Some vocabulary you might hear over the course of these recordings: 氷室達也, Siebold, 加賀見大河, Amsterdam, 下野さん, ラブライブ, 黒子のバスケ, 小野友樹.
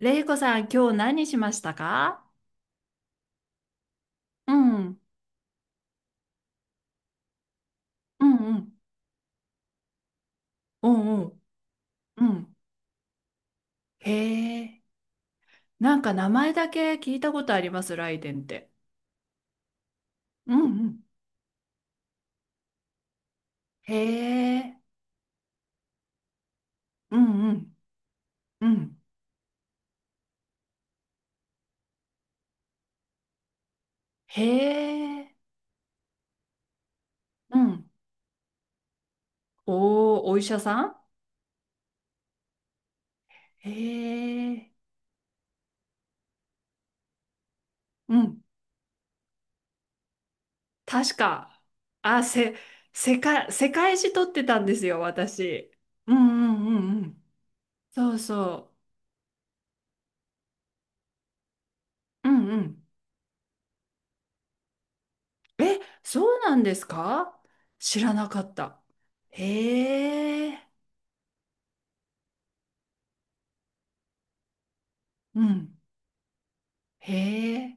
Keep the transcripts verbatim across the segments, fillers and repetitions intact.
れいこさん、今日何しましたか？うん、うんうん、うんうん、うん。へえ、なんか名前だけ聞いたことあります、ライデンって。うんうん。へえ、うんうん、うん。へえ、うん。おお、お医者さん。へえ、うん。確か、あ、せ、世界、世界史取ってたんですよ、私。うんうんうんうん。そうそう。うんうん。え、そうなんですか？知らなかった。へえ、うん、へえ。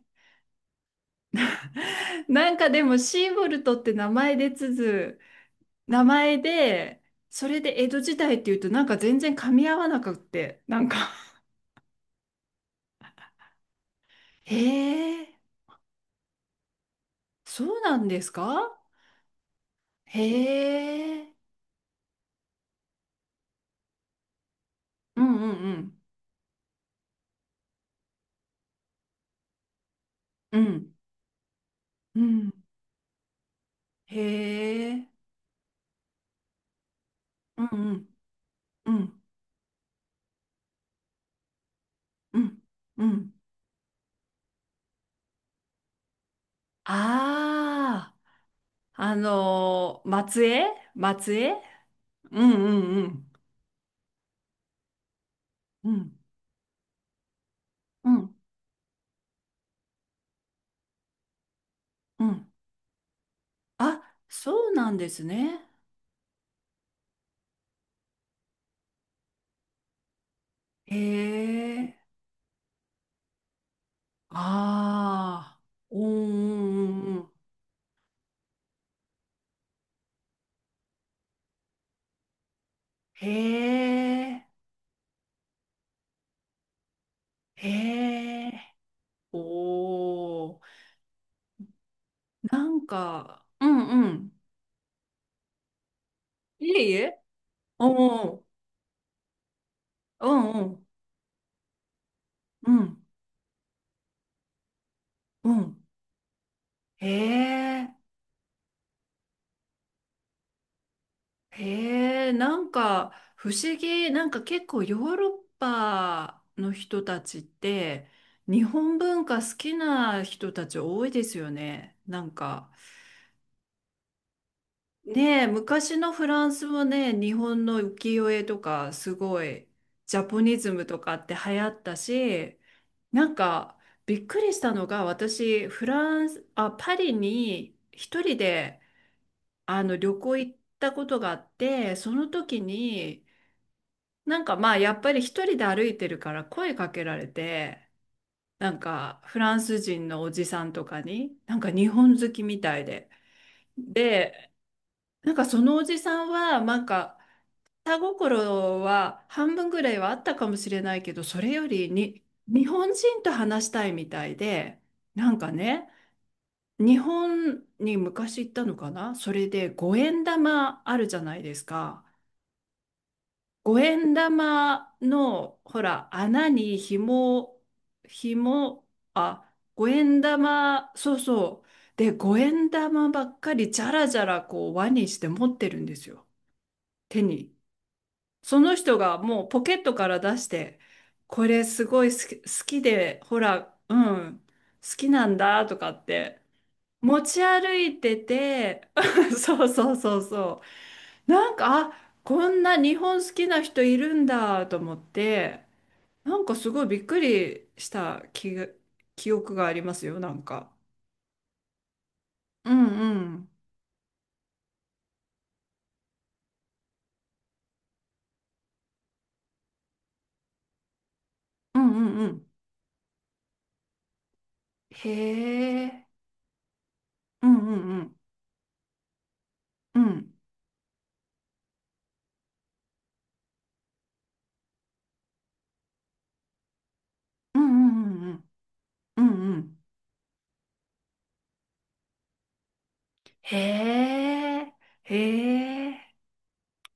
なんかでもシーボルトって名前でつづ、名前で、それで江戸時代っていうとなんか全然噛み合わなくって、なんか へえ、そうなんですか？へえ、うんうんうん、うん、うん、へえ、うんうん、うん、うん、うん。ああ。あのー松江松江。うんうんうん。うんうんうん。あ、そうなんですね。へえ。ああ。うんうんうんへえ。へえ。おー。なんか、うんうん。いえいえ。おー。うんうん。うんうん。へえ。へえ、なんか不思議、なんか結構ヨーロッパの人たちって日本文化好きな人たち多いですよね。なんかねえ、昔のフランスもね、日本の浮世絵とかすごいジャポニズムとかって流行ったし、なんかびっくりしたのが私フランス、あ、パリに一人であの旅行行ったことがあって、その時になんかまあやっぱり一人で歩いてるから声かけられて、なんかフランス人のおじさんとかに、なんか日本好きみたいで。で、なんかそのおじさんは、なんか下心は半分ぐらいはあったかもしれないけど、それよりに日本人と話したいみたいで、なんかね、日本に昔行ったのかな？それで五円玉あるじゃないですか。五円玉の、ほら、穴に紐、紐、あ、五円玉、そうそう。で、五円玉ばっかりじゃらじゃらこう輪にして持ってるんですよ。手に。その人がもうポケットから出して、これすごい好き、好きで、ほら、うん、好きなんだとかって、持ち歩いてて、そうそうそうそう。なんか、あ、こんな日本好きな人いるんだと思って、なんかすごいびっくりした記記憶がありますよ、なんか。うんうん。うんうんうん。へえ。うんうんうん。うん。うんうんうんうん。うんうん。へえ。へえ。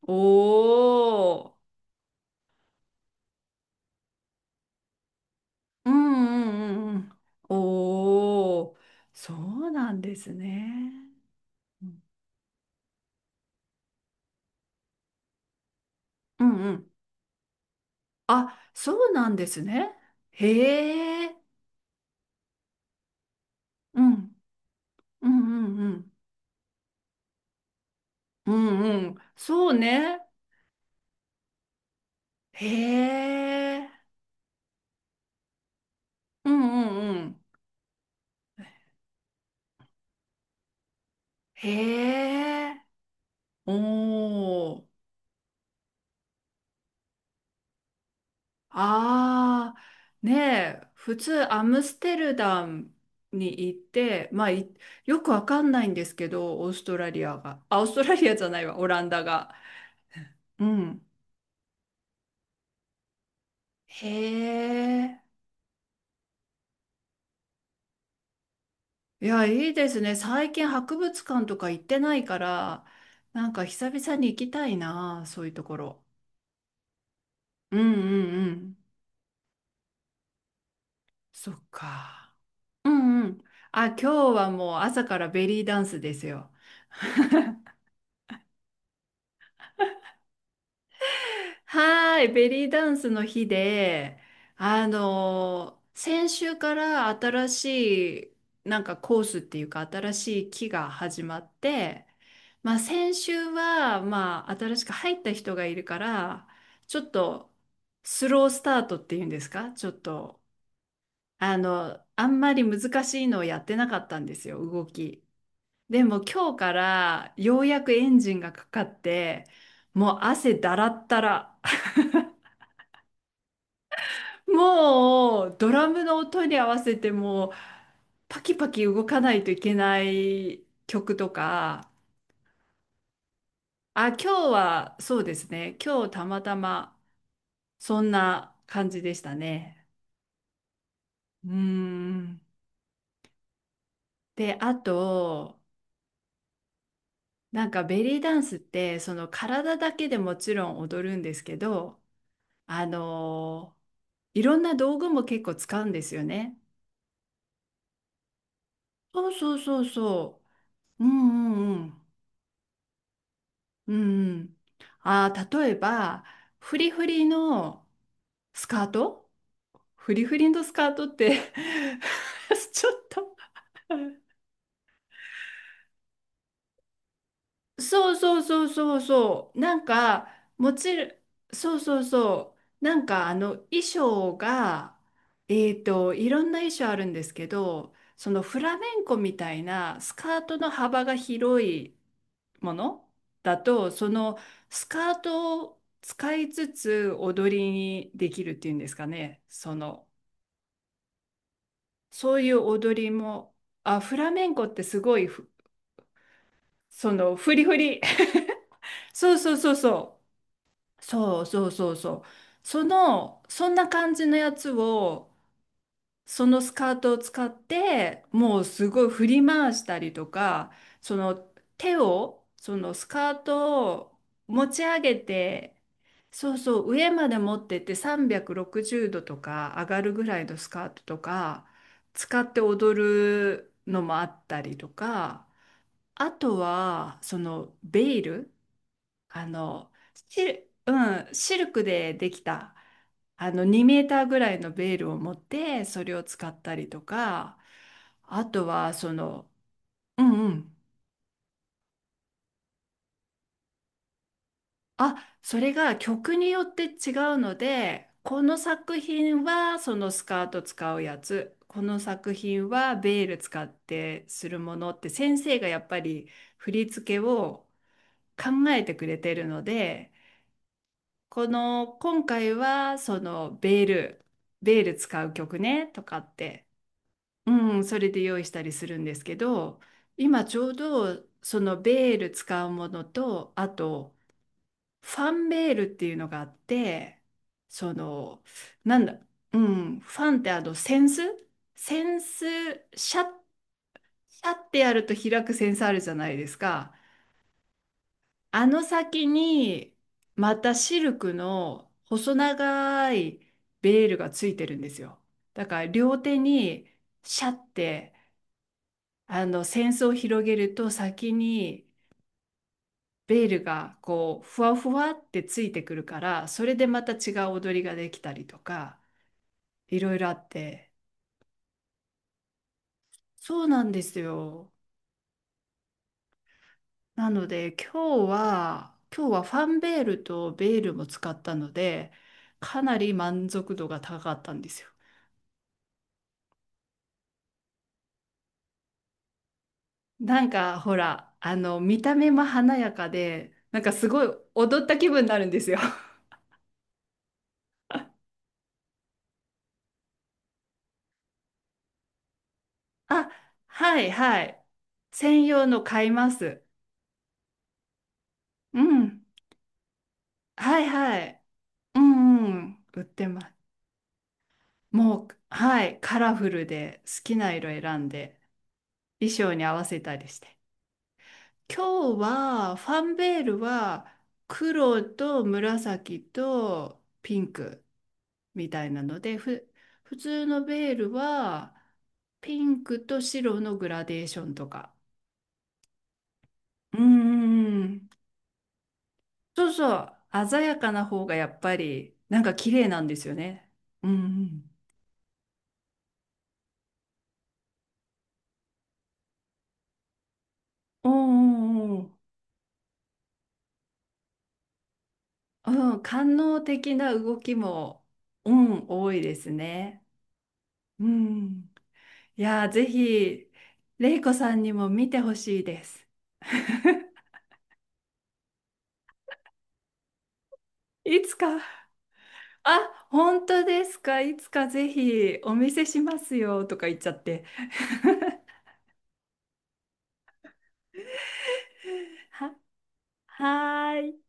おー。うんうんうんうん。おー。そうなんですね。うんうん。あ、そうなんですね。へえ。うん。うんうんうん。うんうん。そうね。へえ。うんうんうん。へえ。おー。ああ。ねえ。普通、アムステルダムに行って、まあ、いよくわかんないんですけど、オーストラリアが。あ、オーストラリアじゃないわ、オランダが。うん。へえ。いや、いいですね。最近博物館とか行ってないから、なんか久々に行きたいな、そういうところ。うんうんうん。そっか。うんうん。あ、今日はもう朝からベリーダンスですよ。はーい、ベリーダンスの日で、あのー先週から新しい、なんかコースっていうか、新しい期が始まって、まあ先週は、まあ新しく入った人がいるから、ちょっとスロースタートっていうんですか、ちょっと、あの、あんまり難しいのをやってなかったんですよ、動き。でも今日からようやくエンジンがかかって、もう汗だらったら。もうドラムの音に合わせてもうパキパキ動かないといけない曲とか、あ、今日はそうですね。今日たまたまそんな感じでしたね。うーん。で、あと、なんかベリーダンスってその体だけでもちろん踊るんですけど、あのいろんな道具も結構使うんですよね。そうそうそうそう。うんうんうん。うん。あー、例えば、フリフリのスカートフリフリのスカートって ちょっとそうそうそうそうそう。なんか、もちろん、そうそうそう。なんか、あの、衣装が、えっと、いろんな衣装あるんですけど、そのフラメンコみたいなスカートの幅が広いものだと、そのスカートを使いつつ踊りにできるっていうんですかね。その、そういう踊りも、あ、フラメンコってすごいふ、その、フリフリ。そうそうそうそう。そうそうそうそう。その、そんな感じのやつをそのスカートを使ってもうすごい振り回したりとかその手をそのスカートを持ち上げてそうそう上まで持ってってさんびゃくろくじゅうどとか上がるぐらいのスカートとか使って踊るのもあったりとか、あとはそのベイル、あの、シル、うん、シルクでできた、あの、にメーターぐらいのベールを持って、それを使ったりとか、あとは、その、うんうん。あ、それが曲によって違うので、この作品はそのスカート使うやつ、この作品はベール使ってするものって、先生がやっぱり振り付けを考えてくれてるので、この今回はそのベール、ベール使う曲ねとかって、うん、それで用意したりするんですけど今ちょうどそのベール使うものとあとファンベールっていうのがあって、そのなんだ、うん、ファンってあの扇子扇子シャッ、シャッてやると開く扇子あるじゃないですか。あの先に、またシルクの細長いベールがついてるんですよ。だから両手にシャッて、あの、扇子を広げると先にベールがこう、ふわふわってついてくるから、それでまた違う踊りができたりとか、いろいろあって。そうなんですよ。なので今日は、今日はファンベールとベールも使ったので、かなり満足度が高かったんですよ。なんかほら、あの、見た目も華やかで、なんかすごい踊った気分になるんですよ。あ、はいはい。専用の買います。うん。はいはい。うんうん。売ってます。もう、はい。カラフルで好きな色選んで、衣装に合わせたりして。今日は、ファンベールは黒と紫とピンク。みたいなので、ふ、普通のベールはピンクと白のグラデーションとか。うんうんうん。そうそう。鮮やかな方がやっぱりなんか綺麗なんですよね。うんうん。おうおうおーうん、官能的な動きも、うん、多いですね。うん。いやー、ぜひ、れいこさんにも見てほしいです。いつか。あ、本当ですか。いつかぜひお見せしますよとか言っちゃって。は、はーい。